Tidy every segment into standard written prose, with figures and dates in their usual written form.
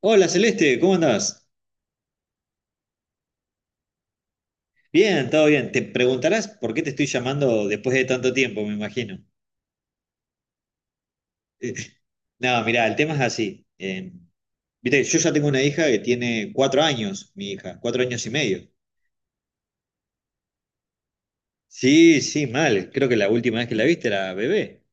Hola, Celeste, ¿cómo andás? Bien, todo bien. Te preguntarás por qué te estoy llamando después de tanto tiempo, me imagino. Eh, No, mirá, el tema es así. Viste, yo ya tengo una hija que tiene 4 años, mi hija, 4 años y medio. Sí, sí, mal. Creo que la última vez que la viste era bebé.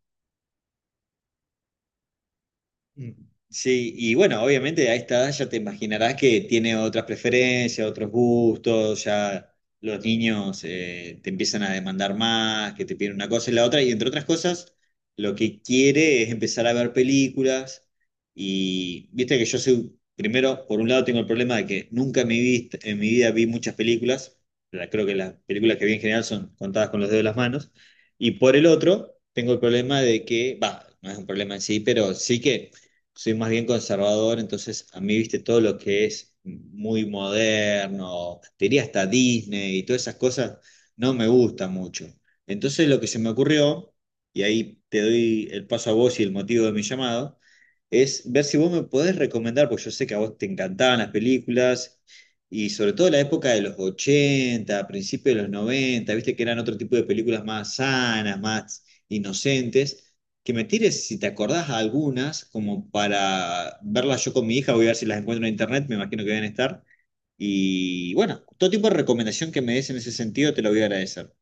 Mm, Sí, y bueno, obviamente a esta edad ya te imaginarás que tiene otras preferencias, otros gustos, ya los niños te empiezan a demandar más, que te piden una cosa y la otra, y entre otras cosas, lo que quiere es empezar a ver películas, y viste que yo soy, primero, por un lado tengo el problema de que nunca en mi, en mi vida vi muchas películas, creo que las películas que vi en general son contadas con los dedos de las manos, y por el otro, tengo el problema de que, va, no es un problema en sí, pero sí que soy más bien conservador, entonces a mí, viste, todo lo que es muy moderno, te diría hasta Disney y todas esas cosas, no me gusta mucho. Entonces lo que se me ocurrió, y ahí te doy el paso a vos y el motivo de mi llamado, es ver si vos me podés recomendar, porque yo sé que a vos te encantaban las películas, y sobre todo la época de los 80 principios de los 90 viste que eran otro tipo de películas más sanas, más inocentes, que me tires, si te acordás, algunas, como para verlas yo con mi hija. Voy a ver si las encuentro en internet, me imagino que deben estar. Y bueno, todo tipo de recomendación que me des en ese sentido te lo voy a agradecer.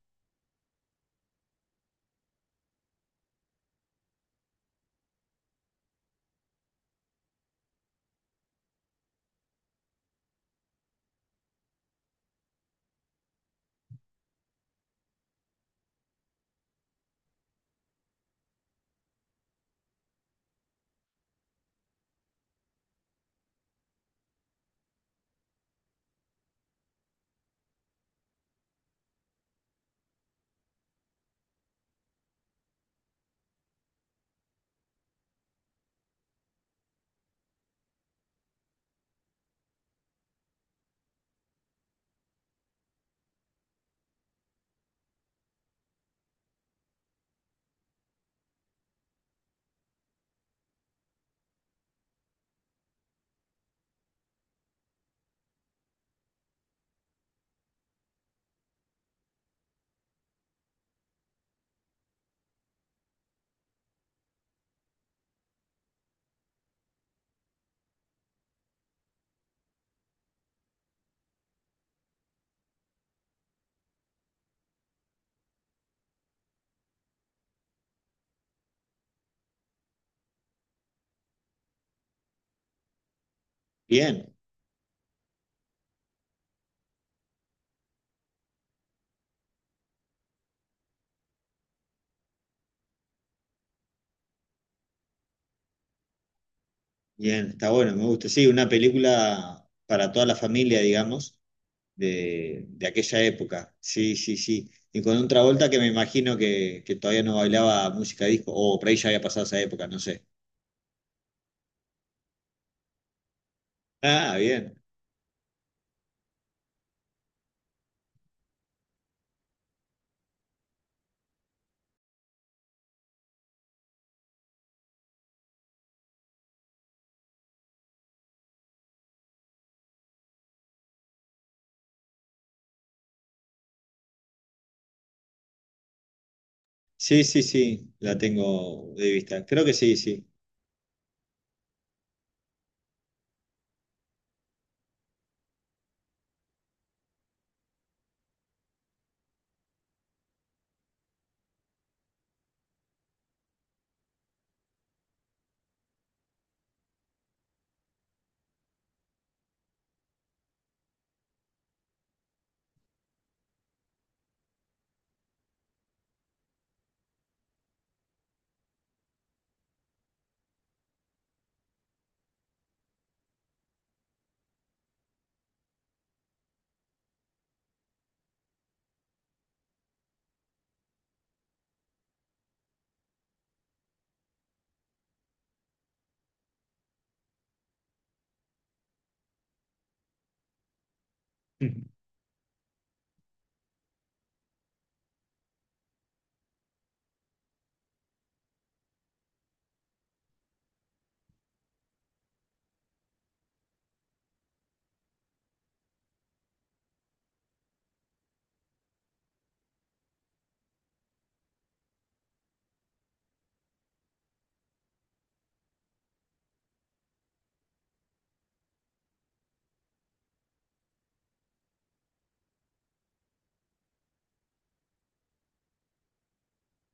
Bien, bien, está bueno, me gusta. Sí, una película para toda la familia, digamos, de aquella época. Sí, sí, sí. Y con un Travolta que me imagino que todavía no bailaba música disco, o por ahí ya había pasado esa época, no sé. Ah, bien. Sí, sí, sí, la tengo de vista. Creo que sí, sí.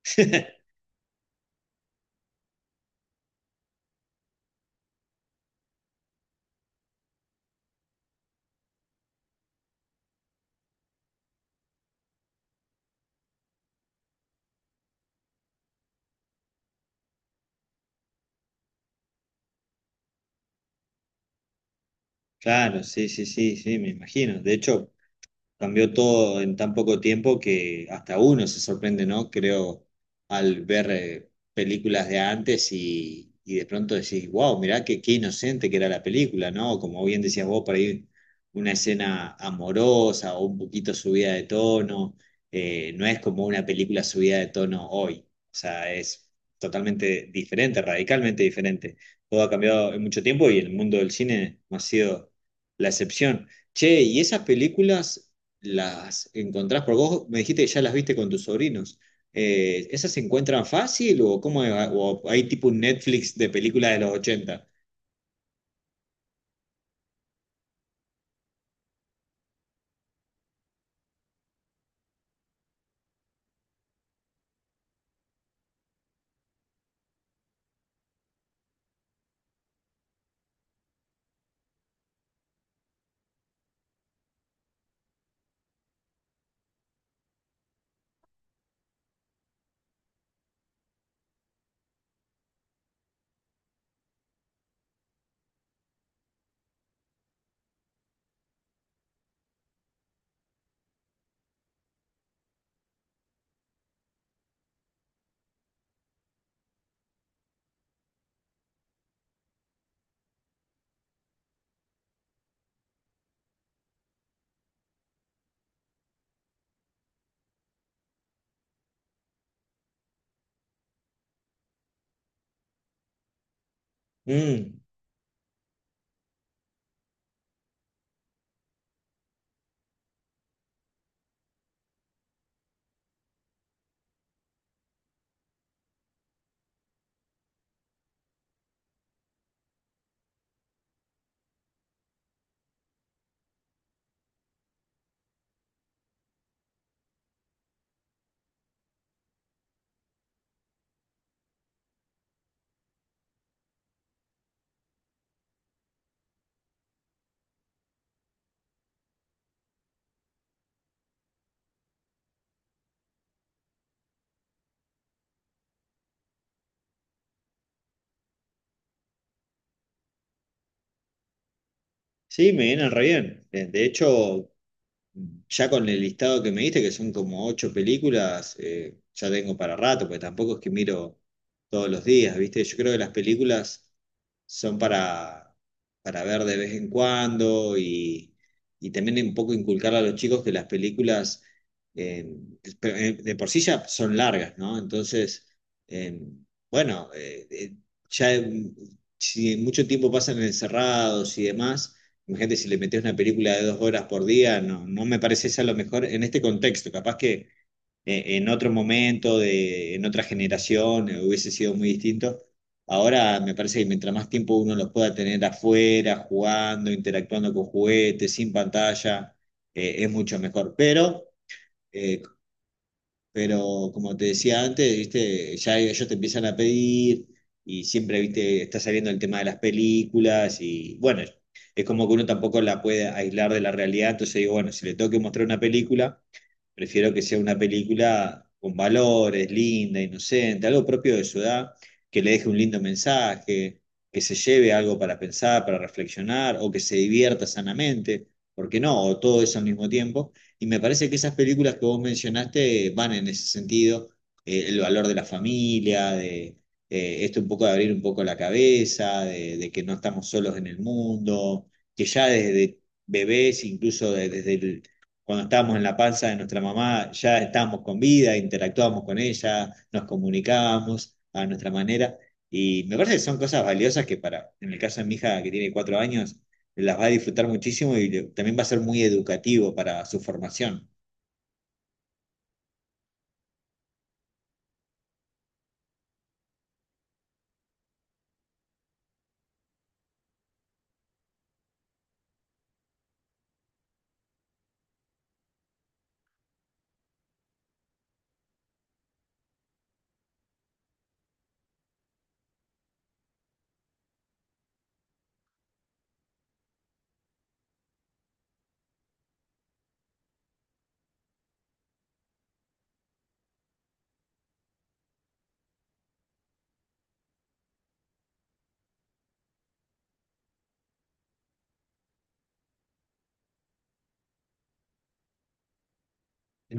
Claro, sí, sí, sí, sí, me imagino. De hecho, cambió todo en tan poco tiempo que hasta uno se sorprende, ¿no? Creo, al ver películas de antes y de pronto decís, wow, mirá qué, qué inocente que era la película, ¿no? Como bien decías vos, por ahí una escena amorosa o un poquito subida de tono, no es como una película subida de tono hoy, o sea, es totalmente diferente, radicalmente diferente. Todo ha cambiado en mucho tiempo y el mundo del cine no ha sido la excepción. Che, ¿y esas películas las encontrás? Porque vos me dijiste que ya las viste con tus sobrinos. ¿Esas se encuentran fácil o cómo es? ¿O hay tipo un Netflix de películas de los ochenta? Mm, sí, me vienen re bien. De hecho, ya con el listado que me diste, que son como ocho películas, ya tengo para rato, porque tampoco es que miro todos los días, ¿viste? Yo creo que las películas son para ver de vez en cuando y también un poco inculcar a los chicos que las películas eh, de por sí ya son largas, ¿no? Entonces, eh, bueno, eh, eh, ya eh, si mucho tiempo pasan encerrados y demás. Imagínate si le metes una película de 2 horas por día, no, no me parece esa lo mejor en este contexto. Capaz que en otro momento, de, en otra generación, hubiese sido muy distinto. Ahora me parece que mientras más tiempo uno los pueda tener afuera, jugando, interactuando con juguetes, sin pantalla, es mucho mejor. Pero eh, como te decía antes, viste, ya ellos te empiezan a pedir y siempre, viste, está saliendo el tema de las películas y bueno, es como que uno tampoco la puede aislar de la realidad, entonces digo, bueno, si le tengo que mostrar una película, prefiero que sea una película con valores, linda, inocente, algo propio de su edad, que le deje un lindo mensaje, que se lleve algo para pensar, para reflexionar, o que se divierta sanamente, porque no, o todo eso al mismo tiempo. Y me parece que esas películas que vos mencionaste van en ese sentido, el valor de la familia, de esto un poco de abrir un poco la cabeza, de que no estamos solos en el mundo, que ya desde bebés, incluso desde el, cuando estábamos en la panza de nuestra mamá, ya estábamos con vida, interactuábamos con ella, nos comunicábamos a nuestra manera. Y me parece que son cosas valiosas que para, en el caso de mi hija que tiene 4 años, las va a disfrutar muchísimo y también va a ser muy educativo para su formación.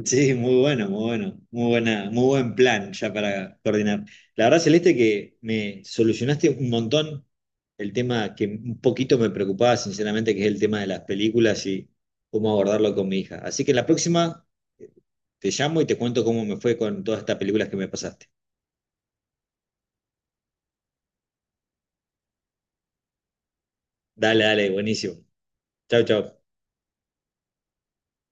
Sí, muy bueno, muy bueno, muy buena, muy buen plan ya para coordinar. La verdad, Celeste, que me solucionaste un montón el tema que un poquito me preocupaba, sinceramente, que es el tema de las películas y cómo abordarlo con mi hija. Así que la próxima eh, te llamo y te cuento cómo me fue con todas estas películas que me pasaste. Dale, dale, buenísimo. Chau, chau.